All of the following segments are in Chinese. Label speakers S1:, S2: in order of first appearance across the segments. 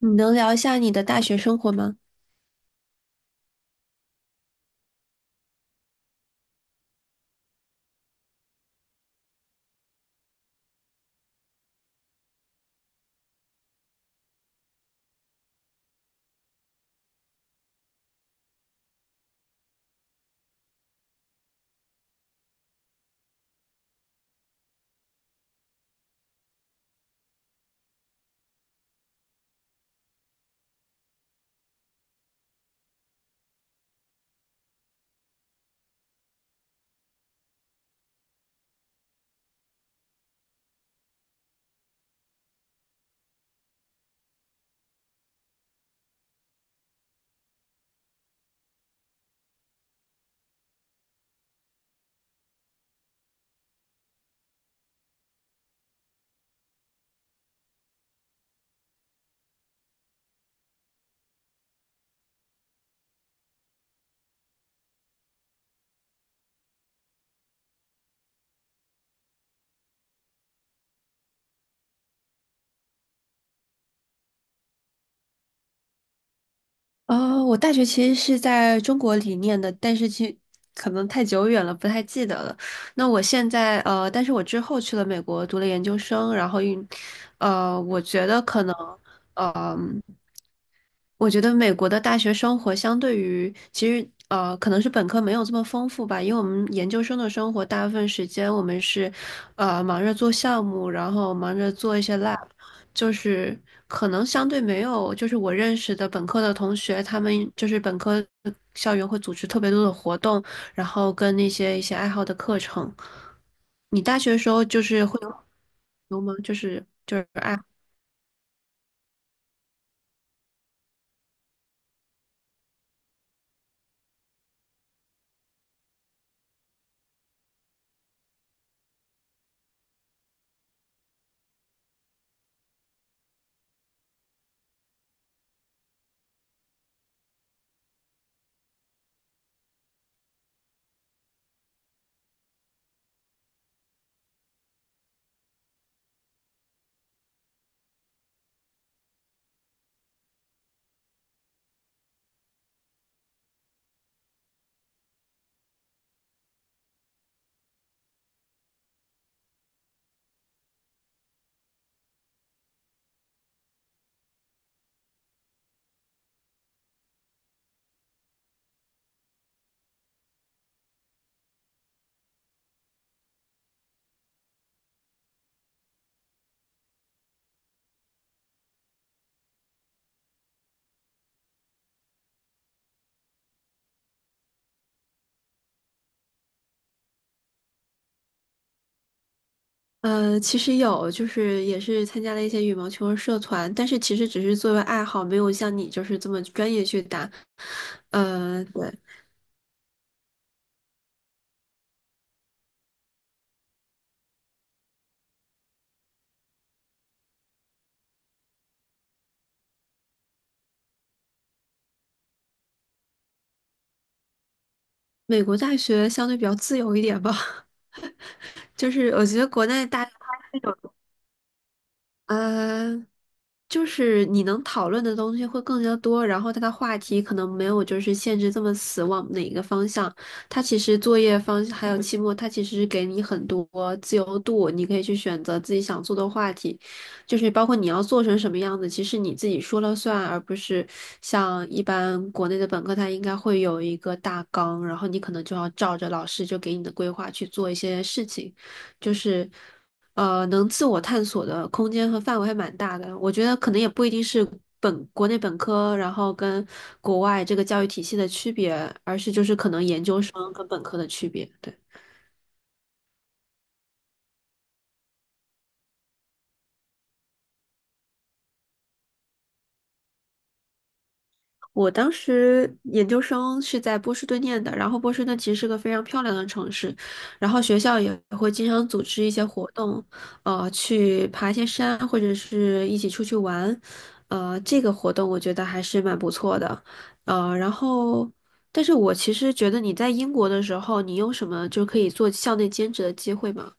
S1: 你能聊一下你的大学生活吗？哦，我大学其实是在中国里念的，但是可能太久远了，不太记得了。那我现在但是我之后去了美国读了研究生，然后运呃，我觉得可能。嗯。我觉得美国的大学生活相对于可能是本科没有这么丰富吧，因为我们研究生的生活大部分时间我们是忙着做项目，然后忙着做一些 lab,就是可能相对没有就是我认识的本科的同学，他们就是本科校园会组织特别多的活动，然后跟那些一些爱好的课程。你大学的时候就是会有有吗？就是就是爱。呃，其实有，就是也是参加了一些羽毛球社团，但是其实只是作为爱好，没有像你就是这么专业去打。呃，对，美国大学相对比较自由一点吧，就是我觉得国内大呃，就是你能讨论的东西会更加多，然后它的话题可能没有就是限制这么死往哪一个方向。它其实作业方还有期末，它其实给你很多自由度，你可以去选择自己想做的话题，就是包括你要做成什么样子，其实你自己说了算，而不是像一般国内的本科，它应该会有一个大纲，然后你可能就要照着老师就给你的规划去做一些事情，就是。呃，能自我探索的空间和范围还蛮大的。我觉得可能也不一定是本国内本科，然后跟国外这个教育体系的区别，而是就是可能研究生跟本科的区别。对。我当时研究生是在波士顿念的，然后波士顿其实是个非常漂亮的城市，然后学校也会经常组织一些活动，去爬一些山或者是一起出去玩，这个活动我觉得还是蛮不错的，呃，然后，但是我其实觉得你在英国的时候，你有什么就可以做校内兼职的机会吗？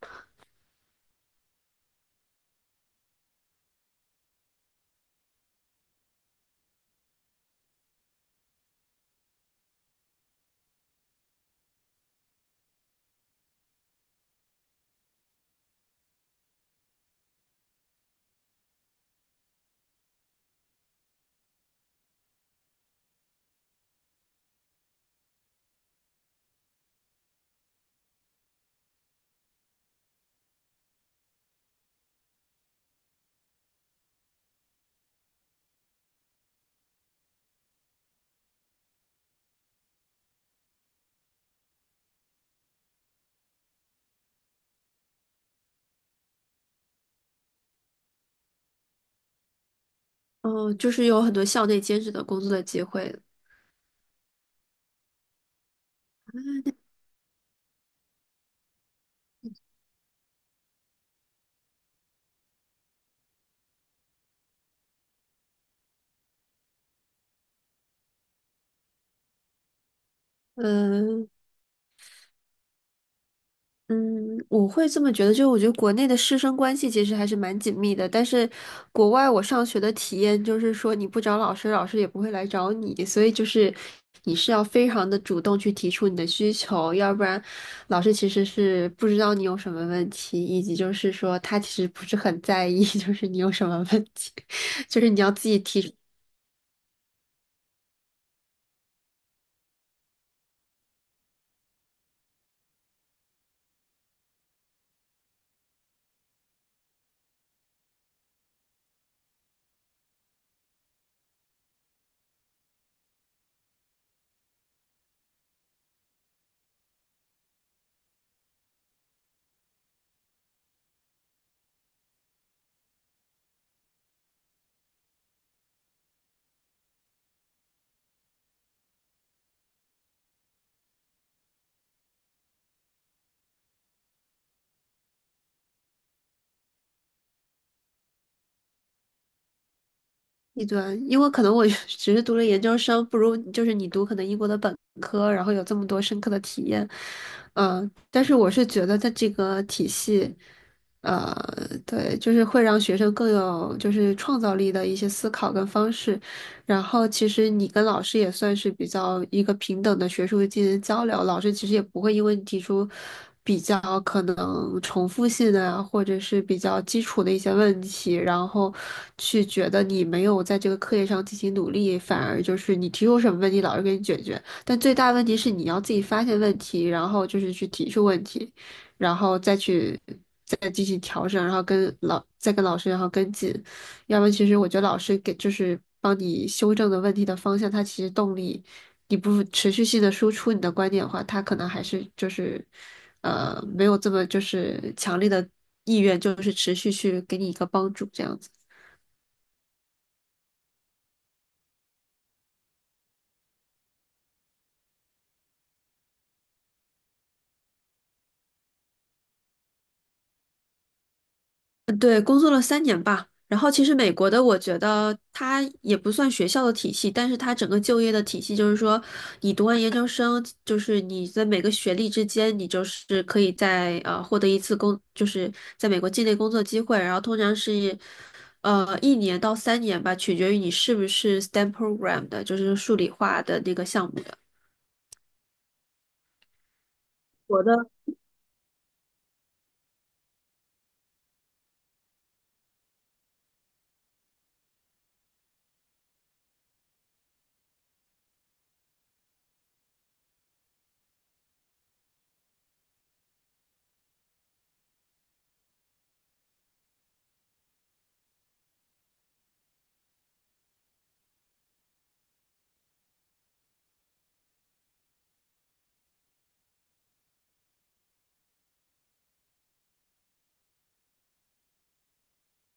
S1: 嗯、就是有很多校内兼职的工作的机会，嗯、嗯，我会这么觉得，就是我觉得国内的师生关系其实还是蛮紧密的，但是国外我上学的体验就是说，你不找老师，老师也不会来找你，所以就是你是要非常的主动去提出你的需求，要不然老师其实是不知道你有什么问题，以及就是说他其实不是很在意，就是你有什么问题，就是你要自己提出一端，因为可能我 只是读了研究生，不如就是你读可能英国的本科，然后有这么多深刻的体验，嗯、但是我是觉得它这个体系，呃，对，就是会让学生更有就是创造力的一些思考跟方式，然后其实你跟老师也算是比较一个平等的学术进行交流，老师其实也不会因为你提出比较可能重复性的啊，或者是比较基础的一些问题，然后去觉得你没有在这个课业上进行努力，反而就是你提出什么问题，老师给你解决。但最大问题是你要自己发现问题，然后就是去提出问题，然后再进行调整，然后跟老师然后跟进。要不其实我觉得老师给就是帮你修正的问题的方向，他其实动力，你不持续性的输出你的观点的话，他可能还是就是没有这么就是强烈的意愿，就是持续去给你一个帮助这样子。对，工作了三年吧。然后其实美国的，我觉得它也不算学校的体系，但是它整个就业的体系就是说，你读完研究生，就是你在每个学历之间，你就是可以在获得一次工，就是在美国境内工作机会。然后通常是一年到三年吧，取决于你是不是 STEM program 的，就是数理化的那个项目的。我的。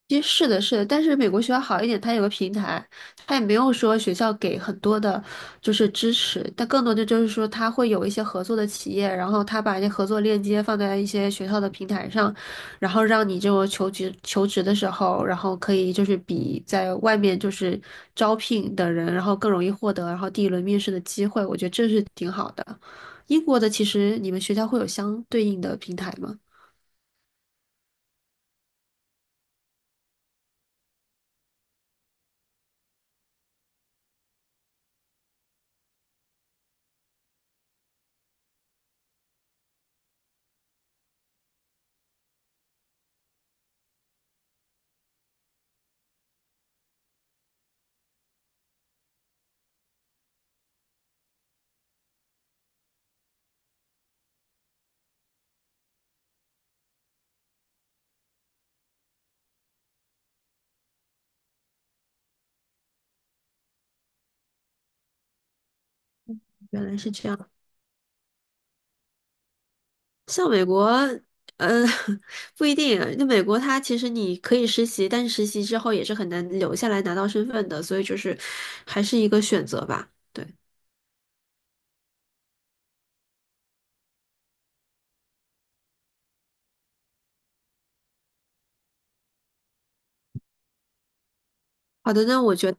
S1: 其实是的，是的，但是美国学校好一点，它有个平台，它也没有说学校给很多的，就是支持，但更多的就是说，它会有一些合作的企业，然后他把一些合作链接放在一些学校的平台上，然后让你这种求职的时候，然后可以就是比在外面就是招聘的人，然后更容易获得，然后第一轮面试的机会，我觉得这是挺好的。英国的其实你们学校会有相对应的平台吗？原来是这样。像美国，呃，不一定。那美国它其实你可以实习，但是实习之后也是很难留下来拿到身份的，所以就是还是一个选择吧。对，好的，那我觉得。